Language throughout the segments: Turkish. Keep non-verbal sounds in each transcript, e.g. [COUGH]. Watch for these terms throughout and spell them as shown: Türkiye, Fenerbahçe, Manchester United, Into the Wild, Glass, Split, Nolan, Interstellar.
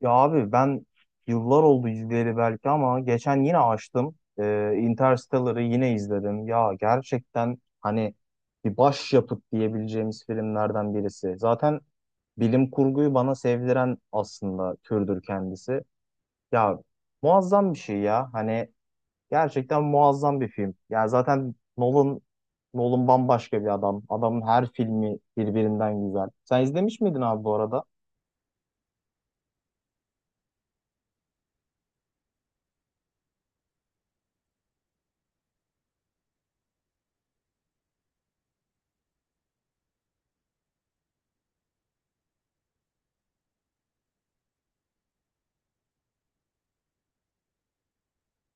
Ya abi ben yıllar oldu izleyeli belki ama geçen yine açtım. Interstellar'ı yine izledim. Ya gerçekten hani bir başyapıt diyebileceğimiz filmlerden birisi. Zaten bilim kurguyu bana sevdiren aslında türdür kendisi. Ya muazzam bir şey ya. Hani gerçekten muazzam bir film. Ya zaten Nolan bambaşka bir adam. Adamın her filmi birbirinden güzel. Sen izlemiş miydin abi bu arada?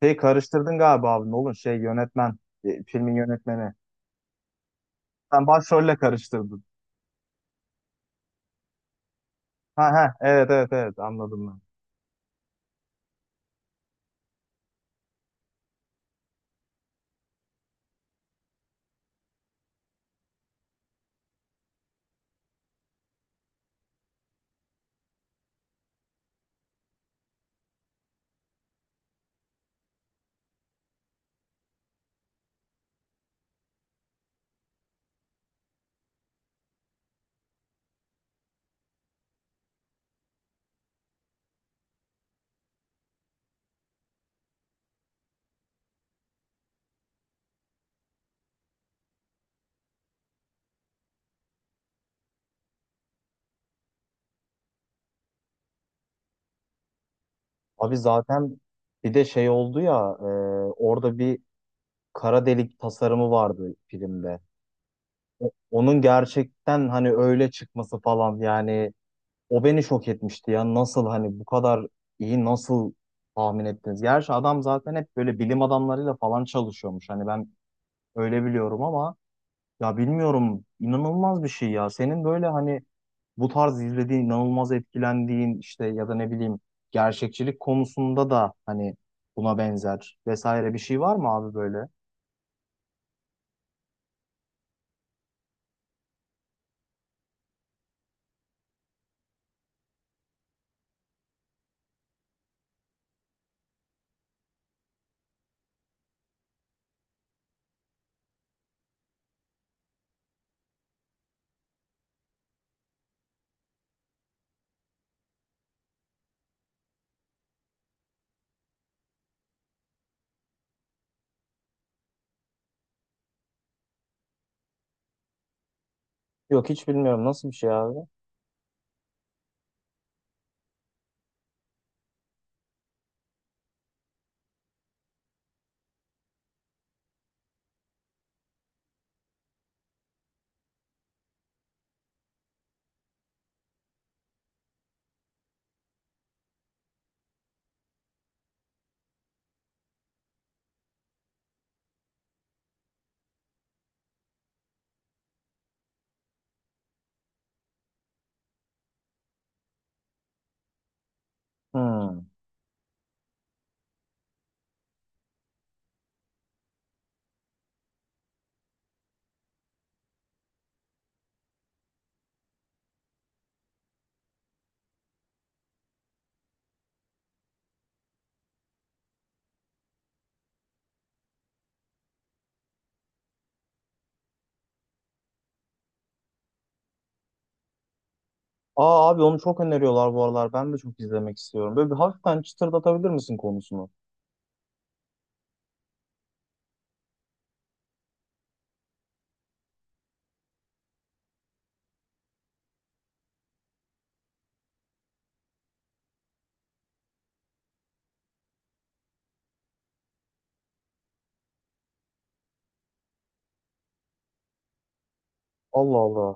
Şey karıştırdın galiba abi. Ne olur şey yönetmen. Filmin yönetmeni. Sen başrolle karıştırdın. Ha ha, evet evet evet, anladım ben. Abi zaten bir de şey oldu ya, orada bir kara delik tasarımı vardı filmde. Onun gerçekten hani öyle çıkması falan, yani o beni şok etmişti ya. Nasıl hani bu kadar iyi nasıl tahmin ettiniz? Gerçi adam zaten hep böyle bilim adamlarıyla falan çalışıyormuş. Hani ben öyle biliyorum ama ya bilmiyorum, inanılmaz bir şey ya. Senin böyle hani bu tarz izlediğin, inanılmaz etkilendiğin işte ya da ne bileyim, gerçekçilik konusunda da hani buna benzer vesaire bir şey var mı abi böyle? Yok, hiç bilmiyorum nasıl bir şey abi. Hmm. Aa abi, onu çok öneriyorlar bu aralar. Ben de çok izlemek istiyorum. Böyle bir hafiften çıtırdatabilir misin konusunu? Allah Allah.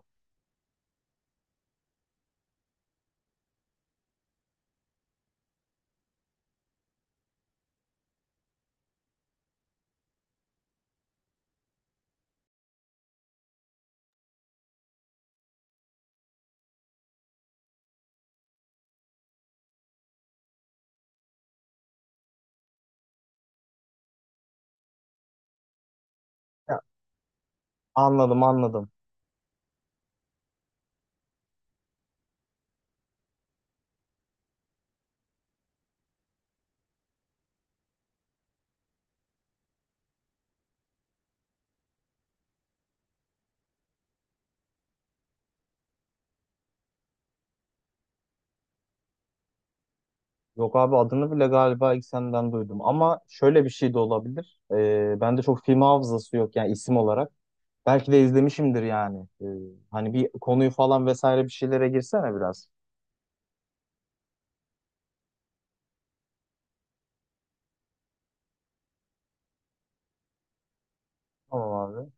Ya, anladım. Yok abi, adını bile galiba ilk senden duydum. Ama şöyle bir şey de olabilir. Bende çok film hafızası yok yani isim olarak. Belki de izlemişimdir yani. Hani bir konuyu falan vesaire bir şeylere girsene biraz. Tamam abi.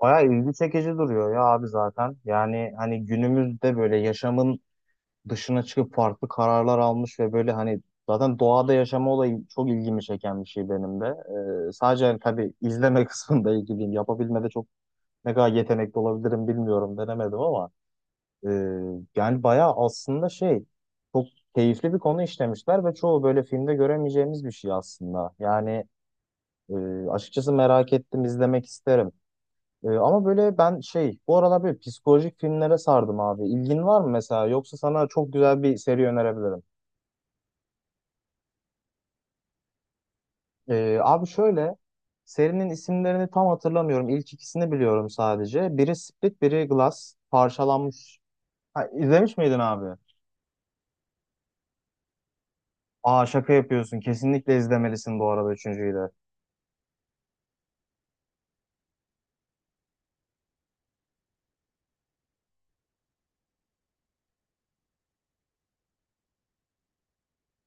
Bayağı ilgi çekici duruyor ya abi zaten. Yani hani günümüzde böyle yaşamın dışına çıkıp farklı kararlar almış ve böyle hani zaten doğada yaşama olayı çok ilgimi çeken bir şey benim de. Sadece hani tabii izleme [LAUGHS] kısmında ilgiliyim. Yapabilmede çok ne kadar yetenekli olabilirim bilmiyorum, denemedim ama. Ee, Yani bayağı aslında şey, çok keyifli bir konu işlemişler ve çoğu böyle filmde göremeyeceğimiz bir şey aslında. Yani e, açıkçası merak ettim, izlemek isterim. E, ama böyle ben şey, bu aralar böyle psikolojik filmlere sardım abi. İlgin var mı mesela, yoksa sana çok güzel bir seri önerebilirim. Abi şöyle, serinin isimlerini tam hatırlamıyorum. İlk ikisini biliyorum sadece. Biri Split biri Glass parçalanmış. Ha, izlemiş miydin abi? Aa şaka yapıyorsun. Kesinlikle izlemelisin bu arada üçüncüyü de.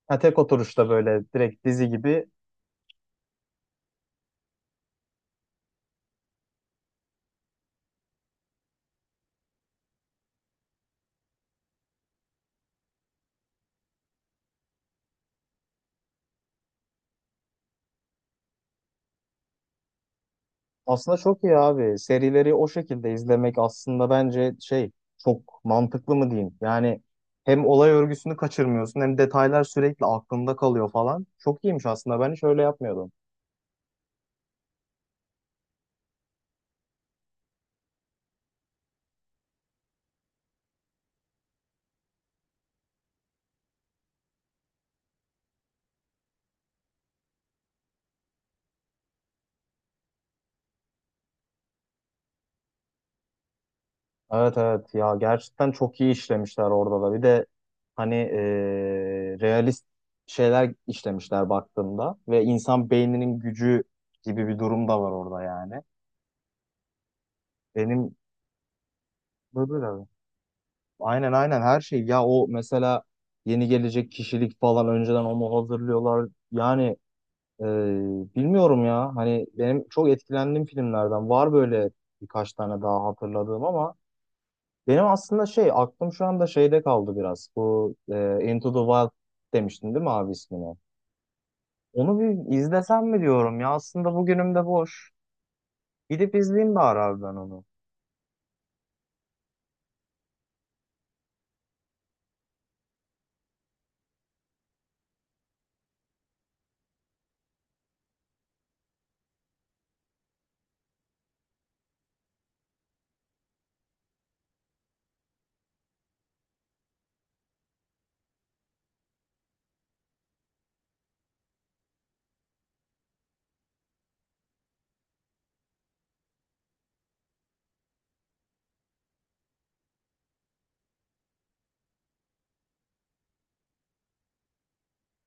Ha, tek oturuşta böyle direkt dizi gibi. Aslında çok iyi abi. Serileri o şekilde izlemek aslında bence şey, çok mantıklı mı diyeyim. Yani hem olay örgüsünü kaçırmıyorsun hem detaylar sürekli aklında kalıyor falan. Çok iyiymiş aslında. Ben hiç öyle yapmıyordum. Evet evet, ya gerçekten çok iyi işlemişler orada da. Bir de hani realist şeyler işlemişler baktığımda, ve insan beyninin gücü gibi bir durum da var orada yani. Benim böyle aynen aynen her şey. Ya o mesela yeni gelecek kişilik falan önceden onu hazırlıyorlar. Yani e, bilmiyorum ya. Hani benim çok etkilendiğim filmlerden var böyle birkaç tane daha hatırladığım ama benim aslında şey, aklım şu anda şeyde kaldı biraz. Bu Into the Wild demiştin değil mi abi ismini? Onu bir izlesem mi diyorum ya. Aslında bugünüm de boş. Gidip izleyeyim bari abi ben onu.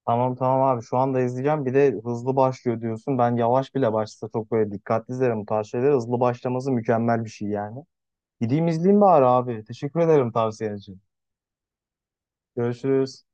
Tamam tamam abi, şu anda izleyeceğim. Bir de hızlı başlıyor diyorsun. Ben yavaş bile başlasa çok böyle dikkatli izlerim bu tarz şeyleri. Hızlı başlaması mükemmel bir şey yani. Gideyim izleyeyim bari abi. Teşekkür ederim tavsiyen için. Görüşürüz.